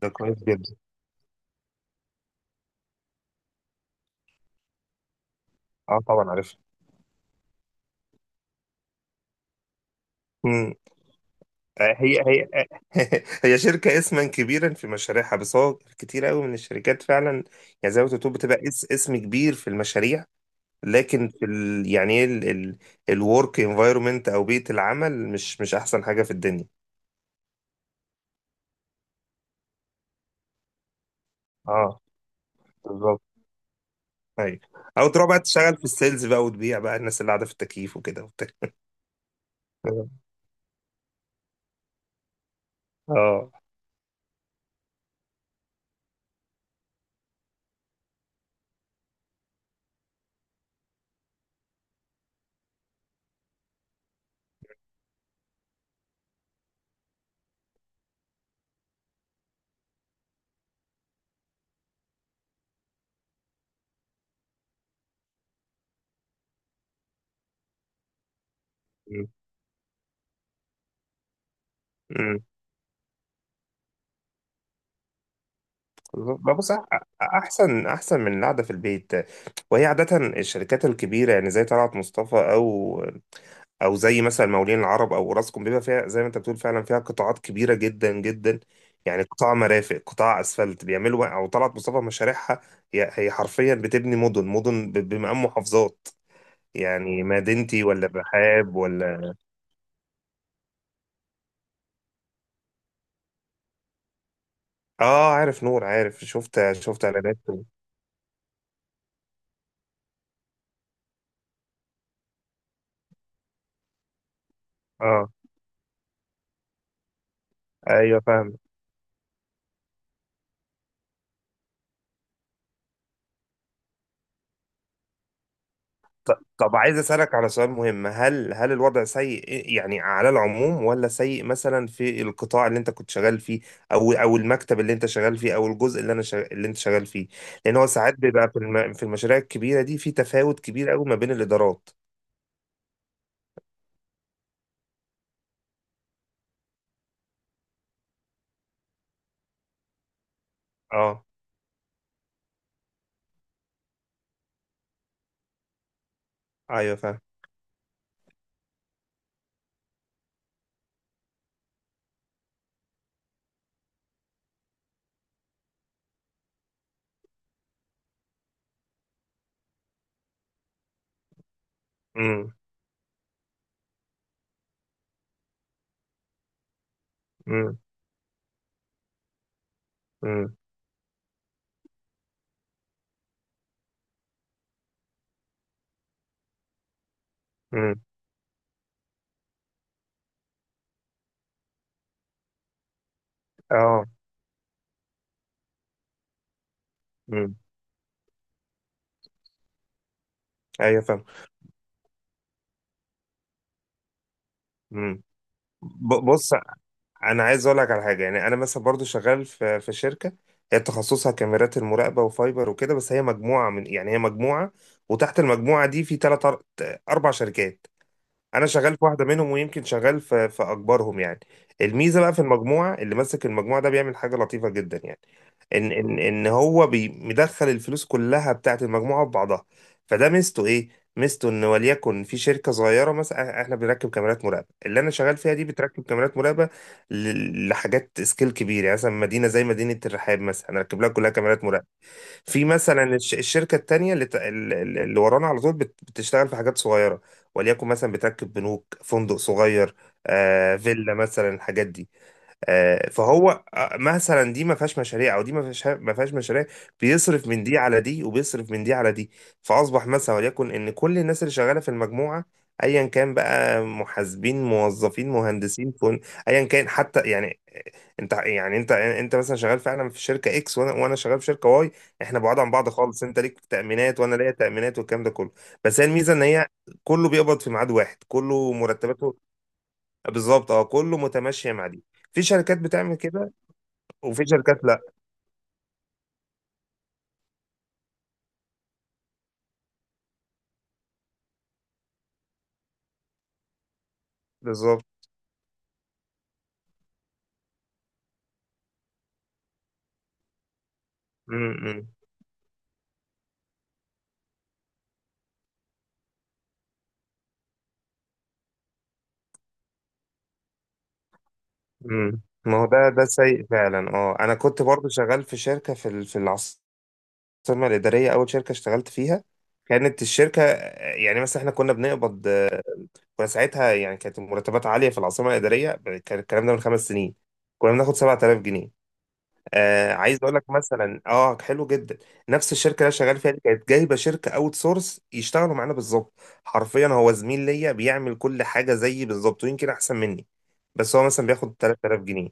ده كويس جدا. اه طبعا عارفها. مم. آه، هي هي شركة اسما كبيرا في مشاريعها، بس هو كتير قوي من الشركات فعلا. يعني زي ما بتقول بتبقى اسم كبير في المشاريع، لكن في ال، يعني ايه، الورك انفايرمنت او بيئة العمل، مش احسن حاجة في الدنيا. اه بالظبط. ايوه، او تروح بقى تشتغل في السيلز بقى وتبيع بقى الناس اللي قاعدة في التكييف وكده وبتاع. اه. مم. ما بص أح- احسن احسن من القعده في البيت. وهي عاده الشركات الكبيره، يعني زي طلعت مصطفى، او او زي مثلا مولين العرب او راسكم، بيبقى فيها زي ما انت بتقول فعلا، فيها قطاعات كبيره جدا جدا. يعني قطاع مرافق، قطاع اسفلت بيعملوا، او طلعت مصطفى مشاريعها هي حرفيا بتبني مدن مدن، بمقام محافظات. يعني مدينتي ولا بحاب ولا. اه عارف نور، عارف، شفت اعلانات. اه ايوه فاهم. طب عايز اسالك على سؤال مهم، هل الوضع سيء يعني على العموم، ولا سيء مثلا في القطاع اللي انت كنت شغال فيه، او او المكتب اللي انت شغال فيه، او الجزء اللي انا شغ... اللي انت شغال فيه. لان هو ساعات بيبقى في الم... في المشاريع الكبيره دي في تفاوت كبير قوي ما بين الادارات. اه ايوه فاهم. امم امم. امم امم. اه. امم. ايوه فاهم. امم. بص، انا عايز اقول لك على حاجه. يعني انا مثلا برضو شغال في شركه، هي تخصصها كاميرات المراقبه وفايبر وكده، بس هي مجموعه من، يعني هي مجموعه، وتحت المجموعه دي في ثلاث اربع شركات. انا شغال في واحده منهم، ويمكن شغال في اكبرهم يعني. الميزه بقى في المجموعه، اللي ماسك المجموعه ده بيعمل حاجه لطيفه جدا يعني. ان هو مدخل الفلوس كلها بتاعت المجموعه في بعضها. فده ميزته ايه؟ ميزته ان وليكن في شركه صغيره، مثلا احنا بنركب كاميرات مراقبه، اللي انا شغال فيها دي بتركب كاميرات مراقبه لحاجات سكيل كبير. يعني مثلا مدينه زي مدينه الرحاب مثلا، هنركب لها كلها كاميرات مراقبه. في مثلا الشركه التانيه، اللي ت-، ال- ال- اللي ورانا على طول، بتشتغل في حاجات صغيره. وليكن مثلا بتركب بنوك، فندق صغير، آه فيلا مثلا، الحاجات دي. آه، فهو آه، مثلا دي ما فيهاش مشاريع، او دي ما فيهاش، ما فيهاش مشاريع. بيصرف من دي على دي، وبيصرف من دي على دي. فاصبح مثلا وليكن ان كل الناس اللي شغاله في المجموعه، ايا كان بقى محاسبين، موظفين، مهندسين، فن، ايا كان حتى، يعني آه، انت يعني، انت مثلا شغال فعلا في شركه اكس، وانا شغال في شركه واي. احنا بعاد عن بعض خالص، انت ليك تامينات وانا ليا تامينات والكلام ده كله. بس هي الميزه ان هي كله بيقبض في ميعاد واحد، كله مرتباته. بالظبط، اه كله متماشي مع دي. في شركات بتعمل كده، وفي شركات لا. بالظبط. امم. إمم. ما هو ده ده سيء فعلا. اه انا كنت برضو شغال في شركه في في العاصمه الاداريه، اول شركه اشتغلت فيها كانت الشركه، يعني مثلا احنا كنا بنقبض، كنا ساعتها يعني كانت المرتبات عاليه في العاصمه الاداريه. كان الكلام ده من 5 سنين، كنا بناخد 7000 جنيه. آه عايز اقول لك مثلا، اه حلو جدا. نفس الشركه اللي انا شغال فيها دي كانت جايبه شركه اوت سورس يشتغلوا معانا بالظبط. حرفيا هو زميل ليا، بيعمل كل حاجه زيي بالظبط، ويمكن احسن مني. بس هو مثلا بياخد 3000 جنيه،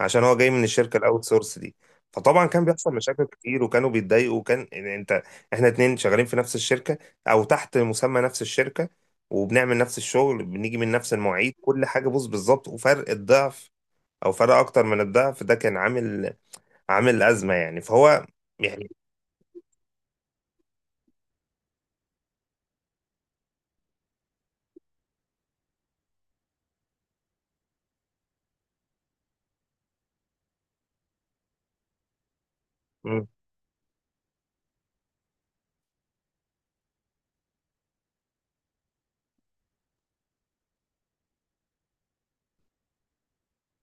عشان هو جاي من الشركه الاوت سورس دي. فطبعا كان بيحصل مشاكل كتير، وكانوا بيتضايقوا، وكان يعني انت، احنا اتنين شغالين في نفس الشركه، او تحت مسمى نفس الشركه، وبنعمل نفس الشغل، بنيجي من نفس المواعيد، كل حاجه بص بالظبط، وفرق الضعف، او فرق اكتر من الضعف، ده كان عامل، عامل أزمة يعني. فهو يعني. مم.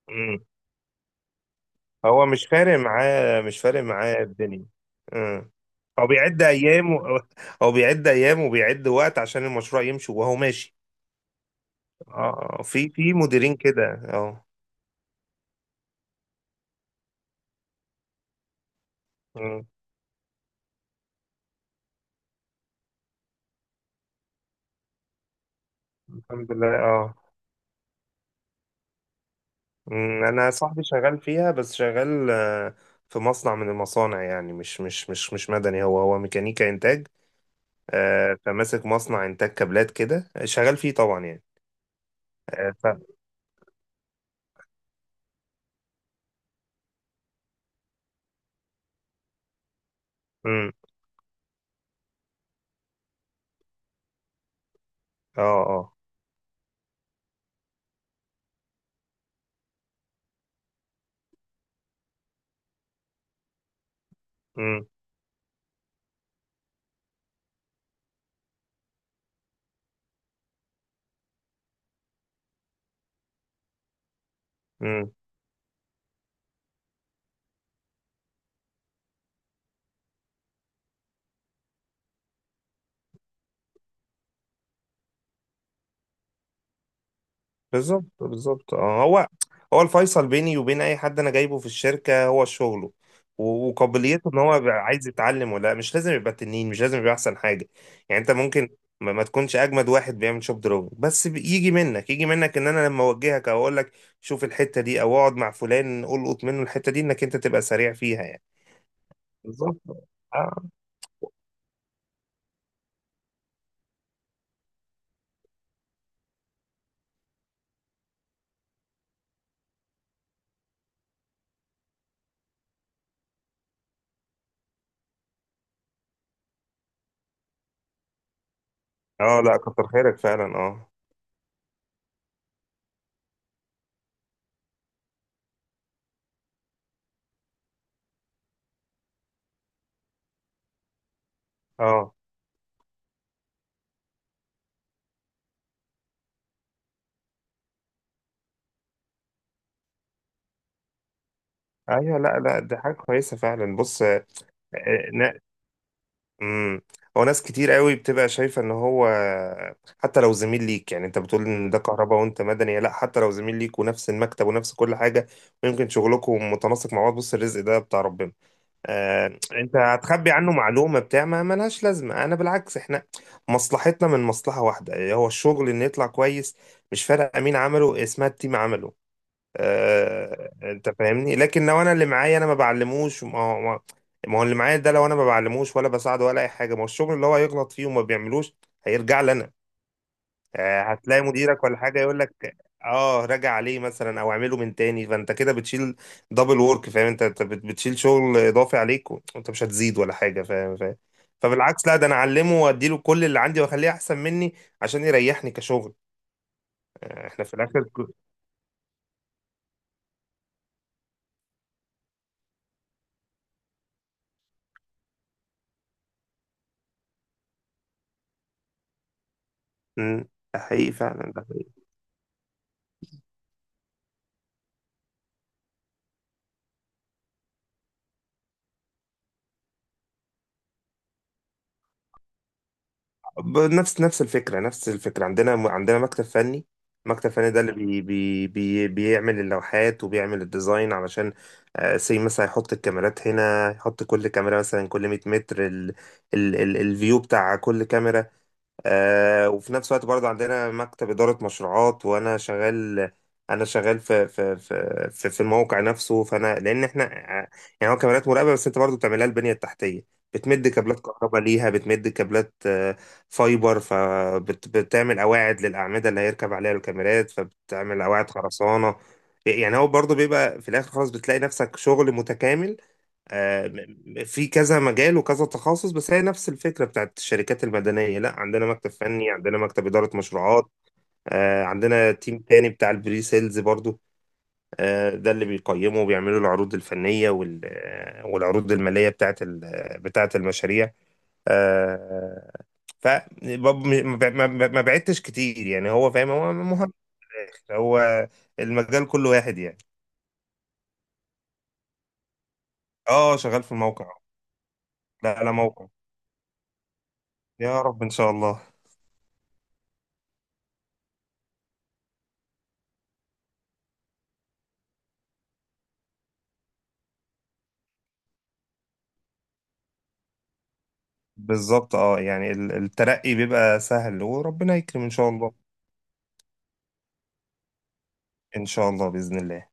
مم. هو مش فارق معاه مش فارق معاه الدنيا. مم. هو بيعد أيام و... هو بيعد أيام وبيعد وقت عشان المشروع يمشي، وهو ماشي. اه آه، في في مديرين كده. اه. مم. الحمد لله اه. أنا صاحبي شغال فيها، بس شغال آه، في مصنع من المصانع يعني، مش مدني، هو ميكانيكا إنتاج. آه، فماسك مصنع إنتاج كابلات كده، شغال فيه طبعا يعني. آه، ف... مم. اه اه. امم امم. بالظبط بالظبط. آه، هو الفيصل بيني وبين اي حد انا جايبه في الشركه هو شغله، وقابليته ان هو بيبقى عايز يتعلم ولا لأ. مش لازم يبقى تنين، مش لازم يبقى احسن حاجه. يعني انت ممكن ما تكونش اجمد واحد بيعمل شوب دروب، بس يجي منك، يجي منك ان انا لما اوجهك او اقول لك شوف الحته دي، او اقعد مع فلان القط منه الحته دي، انك انت تبقى سريع فيها يعني. بالظبط. اه اه لا، كتر خيرك فعلا اه. اه ايوه لا لا، دي حاجه كويسه فعلا. بص آه، امم. هو ناس كتير قوي بتبقى شايفة ان هو، حتى لو زميل ليك، يعني انت بتقول ان ده كهرباء وانت مدني، لا، حتى لو زميل ليك ونفس المكتب ونفس كل حاجة، ويمكن شغلكم متناسق مع بعض، بص الرزق ده بتاع ربنا. آه انت هتخبي عنه معلومة بتاع ما ملهاش لازمة؟ انا بالعكس، احنا مصلحتنا من مصلحة واحدة، هو الشغل ان يطلع كويس. مش فارق مين عمله، اسمها التيم عمله. آه، انت فاهمني. لكن لو انا اللي معايا انا ما بعلموش، ما هو ما، ما هو اللي معايا ده لو انا ما بعلموش ولا بساعده ولا اي حاجه، ما هو الشغل اللي هو يغلط فيه وما بيعملوش هيرجع لي انا. آه، هتلاقي مديرك ولا حاجه يقول لك اه راجع عليه مثلا، او اعمله من تاني. فانت كده بتشيل دبل وورك، فاهم؟ انت بتشيل شغل اضافي عليك، وانت مش هتزيد ولا حاجه، فاهم فاهم. فبالعكس لا، ده انا اعلمه واديله كل اللي عندي، واخليه احسن مني عشان يريحني كشغل. يعني احنا في الاخر مم، ده حقيقي فعلا ده. نفس الفكرة، نفس الفكرة عندنا. عندنا مكتب فني، مكتب فني ده اللي بي بي بي بيعمل اللوحات، وبيعمل الديزاين علشان آه، سي مثلا، يحط الكاميرات هنا، يحط كل كاميرا مثلا كل 100 متر، ال الفيو بتاع كل كاميرا. آه، وفي نفس الوقت برضه عندنا مكتب إدارة مشروعات، وأنا شغال، أنا شغال في في الموقع نفسه. فأنا لأن إحنا آه، يعني هو كاميرات مراقبة، بس أنت برضه بتعملها البنية التحتية، بتمد كابلات كهرباء ليها، بتمد كابلات آه، فايبر، فبتعمل قواعد للأعمدة اللي هيركب عليها الكاميرات، فبتعمل قواعد خرسانة. يعني هو برضه بيبقى في الآخر، خلاص بتلاقي نفسك شغل متكامل. آه، في كذا مجال وكذا تخصص، بس هي نفس الفكرة بتاعت الشركات المدنية. لا عندنا مكتب فني، عندنا مكتب إدارة مشروعات، آه، عندنا تيم تاني بتاع البري سيلز برضو. آه، ده اللي بيقيموا وبيعملوا العروض الفنية وال-، آه، والعروض المالية بتاعت ال-، بتاعت المشاريع. آه، ف، ما بعدتش كتير يعني، هو فاهم، هو مهم، هو المجال كله واحد يعني. اه شغال في الموقع. لا لا موقع. يا رب ان شاء الله. بالظبط، اه يعني الترقي بيبقى سهل، وربنا يكرم ان شاء الله. ان شاء الله باذن الله.